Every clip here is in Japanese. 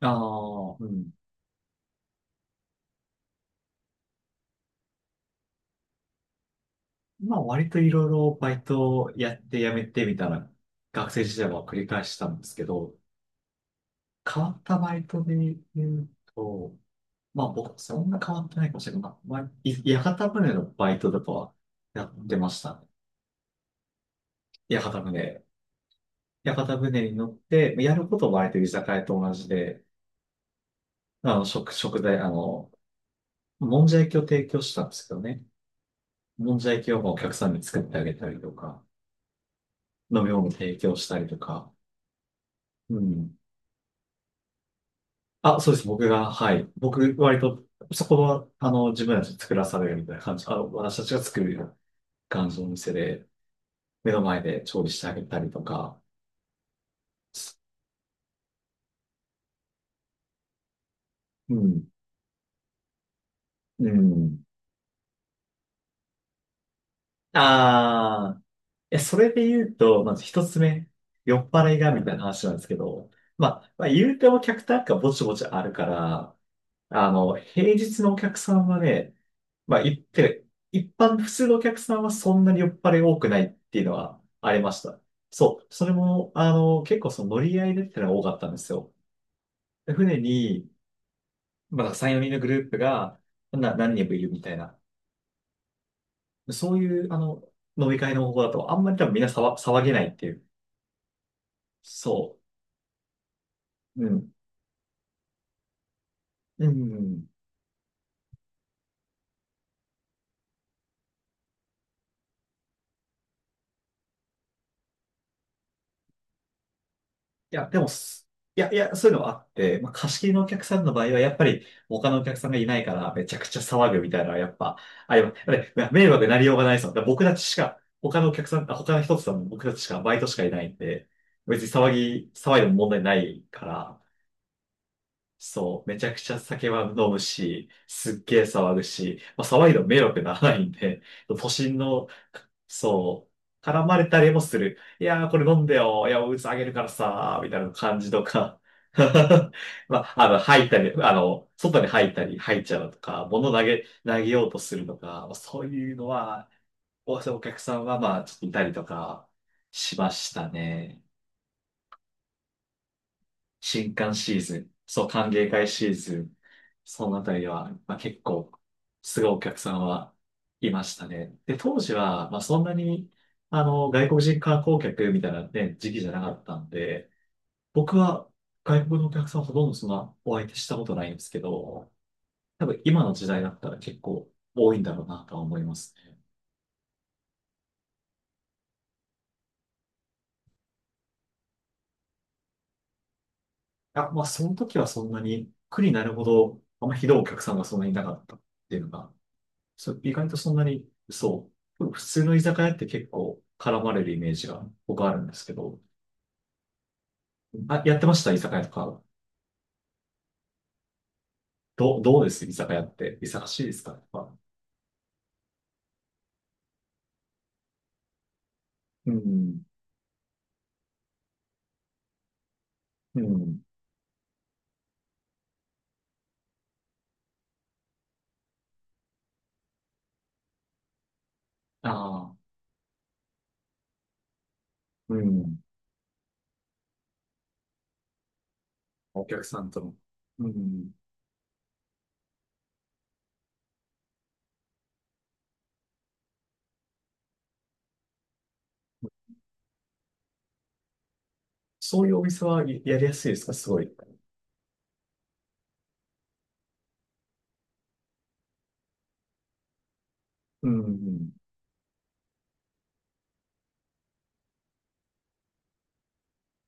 ああ、うん。まあ割といろいろバイトをやって辞めてみたいな学生時代は繰り返したんですけど、変わったバイトで言うと、まあ僕そんな変わってないかもしれない。まあ屋形船のバイトとかはやってましたね。屋形船。屋形船に乗って、やることは割と居酒屋と同じで、食材、もんじゃ焼きを提供したんですけどね。もんじゃ焼きをお客さんに作ってあげたりとか、飲み物提供したりとか、うん。あ、そうです。僕が、はい。僕、割と、そこは、自分たちで作らされるみたいな感じ。私たちが作るような感じのお店で、目の前で調理してあげたりとか。うん。うん。ああ、え、それで言うと、まず一つ目、酔っ払いがみたいな話なんですけど、まあ、まあ、言うてお客単価ぼちぼちあるから、平日のお客さんはね、まあ、言ってる一般、普通のお客さんはそんなに酔っ払い多くないっていうのはありました。そう。それも、結構その乗り合いでってのが多かったんですよ。で船に、まあ、3、4人のグループが、何人もいるみたいな。そういう、飲み会の方法だと、あんまり多分みんな騒げないっていう。そう。うん。うん。いや、でもす、いや、いや、そういうのはあって、まあ、貸し切りのお客さんの場合は、やっぱり、他のお客さんがいないから、めちゃくちゃ騒ぐみたいなのは、やっぱ、あやりますで迷惑になりようがないですもん。だから僕たちしか、他のお客さん、あ他の人たちさんも僕たちしか、バイトしかいないんで、別に騒いでも問題ないから、そう、めちゃくちゃ酒は飲むし、すっげえ騒ぐし、まあ、騒いでも迷惑ならないんで、都心の、そう、絡まれたりもする。いやー、これ飲んでよ。いや、おうつあげるからさー、みたいな感じとか。まあ、吐いたり、外に吐いたり、吐いちゃうとか、物投げ、投げようとするとか、まあそういうのは、お客さんは、まあ、ちょっといたりとか、しましたね。新歓シーズン、そう、歓迎会シーズン、そのあたりは、まあ、結構、すごいお客さんはいましたね。で、当時は、まあ、そんなに、外国人観光客みたいなね、時期じゃなかったんで、僕は外国のお客さんほとんどそんなお相手したことないんですけど、多分今の時代だったら結構多いんだろうなとは思います。あ、まあ、その時はそんなに苦になるほど、あんまひどいお客さんがそんなにいなかったっていうのがそう、意外とそんなに、そう、普通の居酒屋って結構絡まれるイメージが僕あるんですけど、あ、やってました居酒屋とか。どうです居酒屋って。忙しいですかやっぱ。うん、うん、ああ、うん。お客さんとの。うん。そういうお店はややりやすいですかすごい。うん、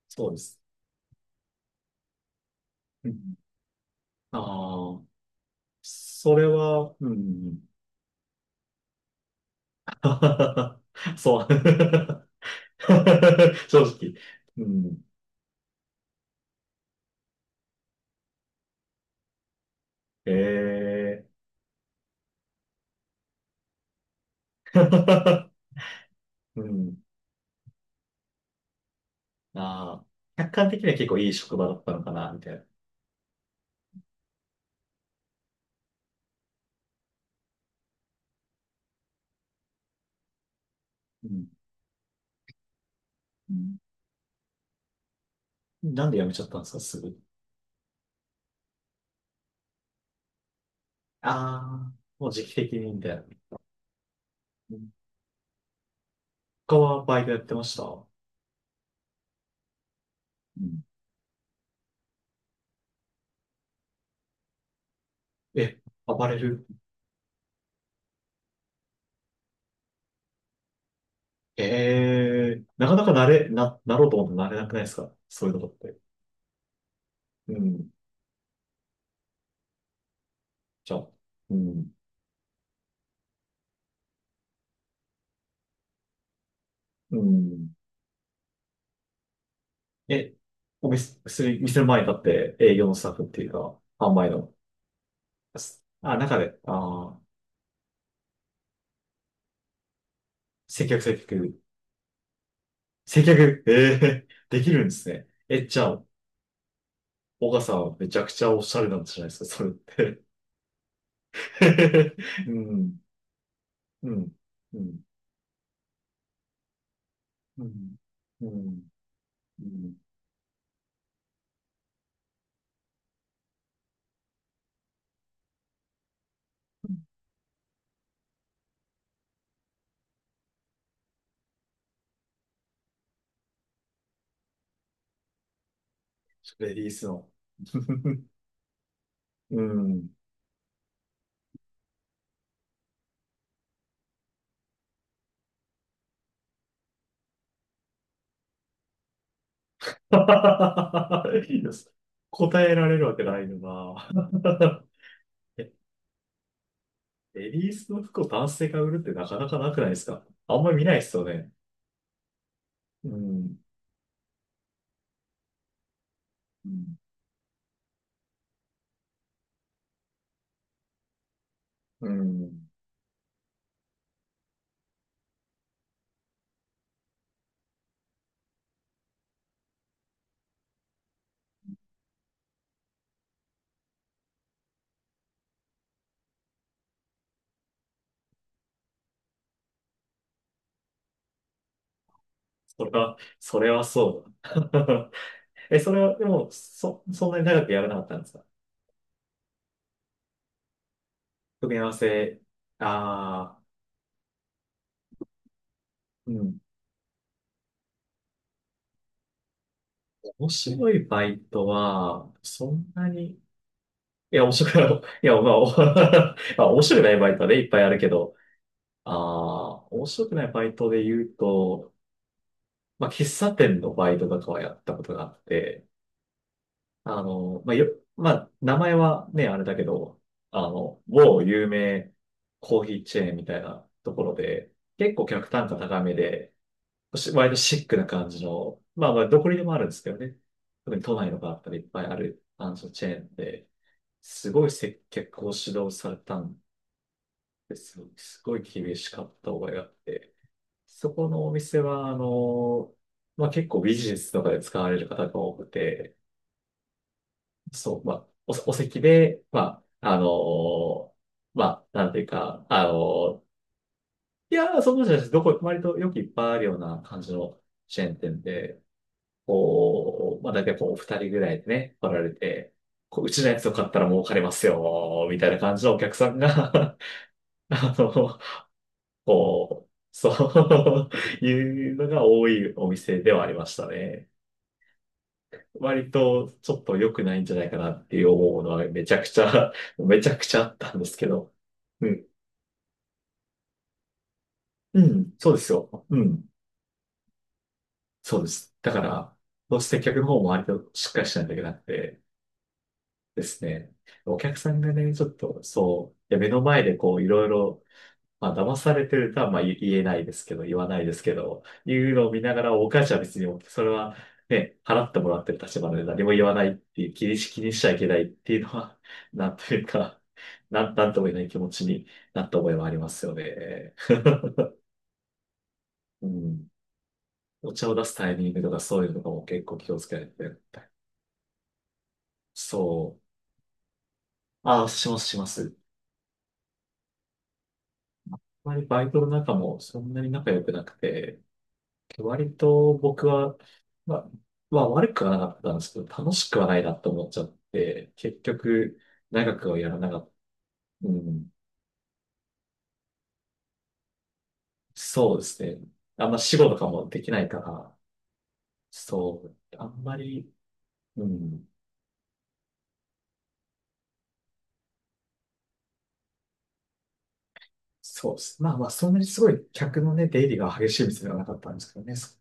そうです。うん。ああ、それは、うん。そう。正直。うん。ええ うん。ああ、客観的には結構いい職場だったのかな、みたいな。うん。うんなんで辞めちゃったんですか、すぐ。ああ、もう時期的に、みたいな。うん他はバイトやってました。うんえ、アパレルえなかなかなれ、な、なろうと思ってなれなくないですかそういうことって。うん。じゃあ、うん。うん。え、お店、薬店の前に立って営業のスタッフっていうか、販売の、あ、中で、ああ、接客接客。接客、できるんですね。え、じゃあ、小川さんはめちゃくちゃおしゃれなんじゃないですか、それって。うん、うん、うん、うん、うん、うん。レディースの。うん。いいです。答えられるわけないのな。え、レディースの服を男性が売るってなかなかなくないですかあんまり見ないですよね。うん、うん、うん。それは、それはそうだ。え、それは、でも、そんなに長くやらなかったんですか組み合わせ、ああ、うん。面白いバイトは、そんなに、いや、面白くない、いや、まあ、お まあ面白くないバイトはね、いっぱいあるけど、ああ、面白くないバイトで言うと、まあ、喫茶店のバイトとかはやったことがあって、まあ、よ、まあ、名前はね、あれだけど、某有名コーヒーチェーンみたいなところで、結構客単価高めで、し割とシックな感じの、まあまあ、どこにでもあるんですけどね。特に都内のバーとかでいっぱいあるあのチェーンで、すごい接客を指導されたんですよ。すごい厳しかった覚えがあって。そこのお店は、まあ結構ビジネスとかで使われる方が多くて、そう、まあ、お席で、まあ、まあ、なんていうか、いや、そんなことじゃないです。どこ、割とよくいっぱいあるような感じのチェーン店で、こう、まあ大体こう、二人ぐらいでね、来られて、こう、うちのやつを買ったら儲かりますよ、みたいな感じのお客さんが あの、こう、そう いうのが多いお店ではありましたね。割とちょっと良くないんじゃないかなっていう思うのはめちゃくちゃ、めちゃくちゃあったんですけど。うん。うん。そうですよ。うん。そうです。だから、どうして客の方も割としっかりしないといけなくて、ですね。お客さんがね、ちょっと、そう、いや目の前でこう、いろいろ、まあ、騙されてるとは、まあ、言えないですけど、言わないですけど、いうのを見ながら、お母ちゃんは別に、それは、ね、払ってもらってる立場なので何も言わないっていう、気にしちゃいけないっていうのは、なんというか、なんとも言えない気持ちになった覚えはありますよね。うん。お茶を出すタイミングとかそういうのとかも結構気をつけないといけない。そう。あ、します、します。あまりバイトの中もそんなに仲良くなくて、割と僕は、まあ、まあ悪くはなかったんですけど、楽しくはないなと思っちゃって、結局、長くはやらなかった。うん、そうですね。あんま仕事とかもできないから、そう、あんまり、うん、そうです。まあまあ、そんなにすごい客のね、出入りが激しい店ではなかったんですけどね。そ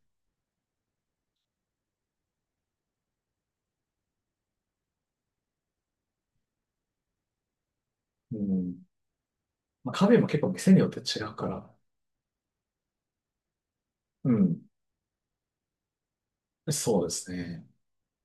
うん、まあ、カフェも結構店によって違うから、うん、そうですね。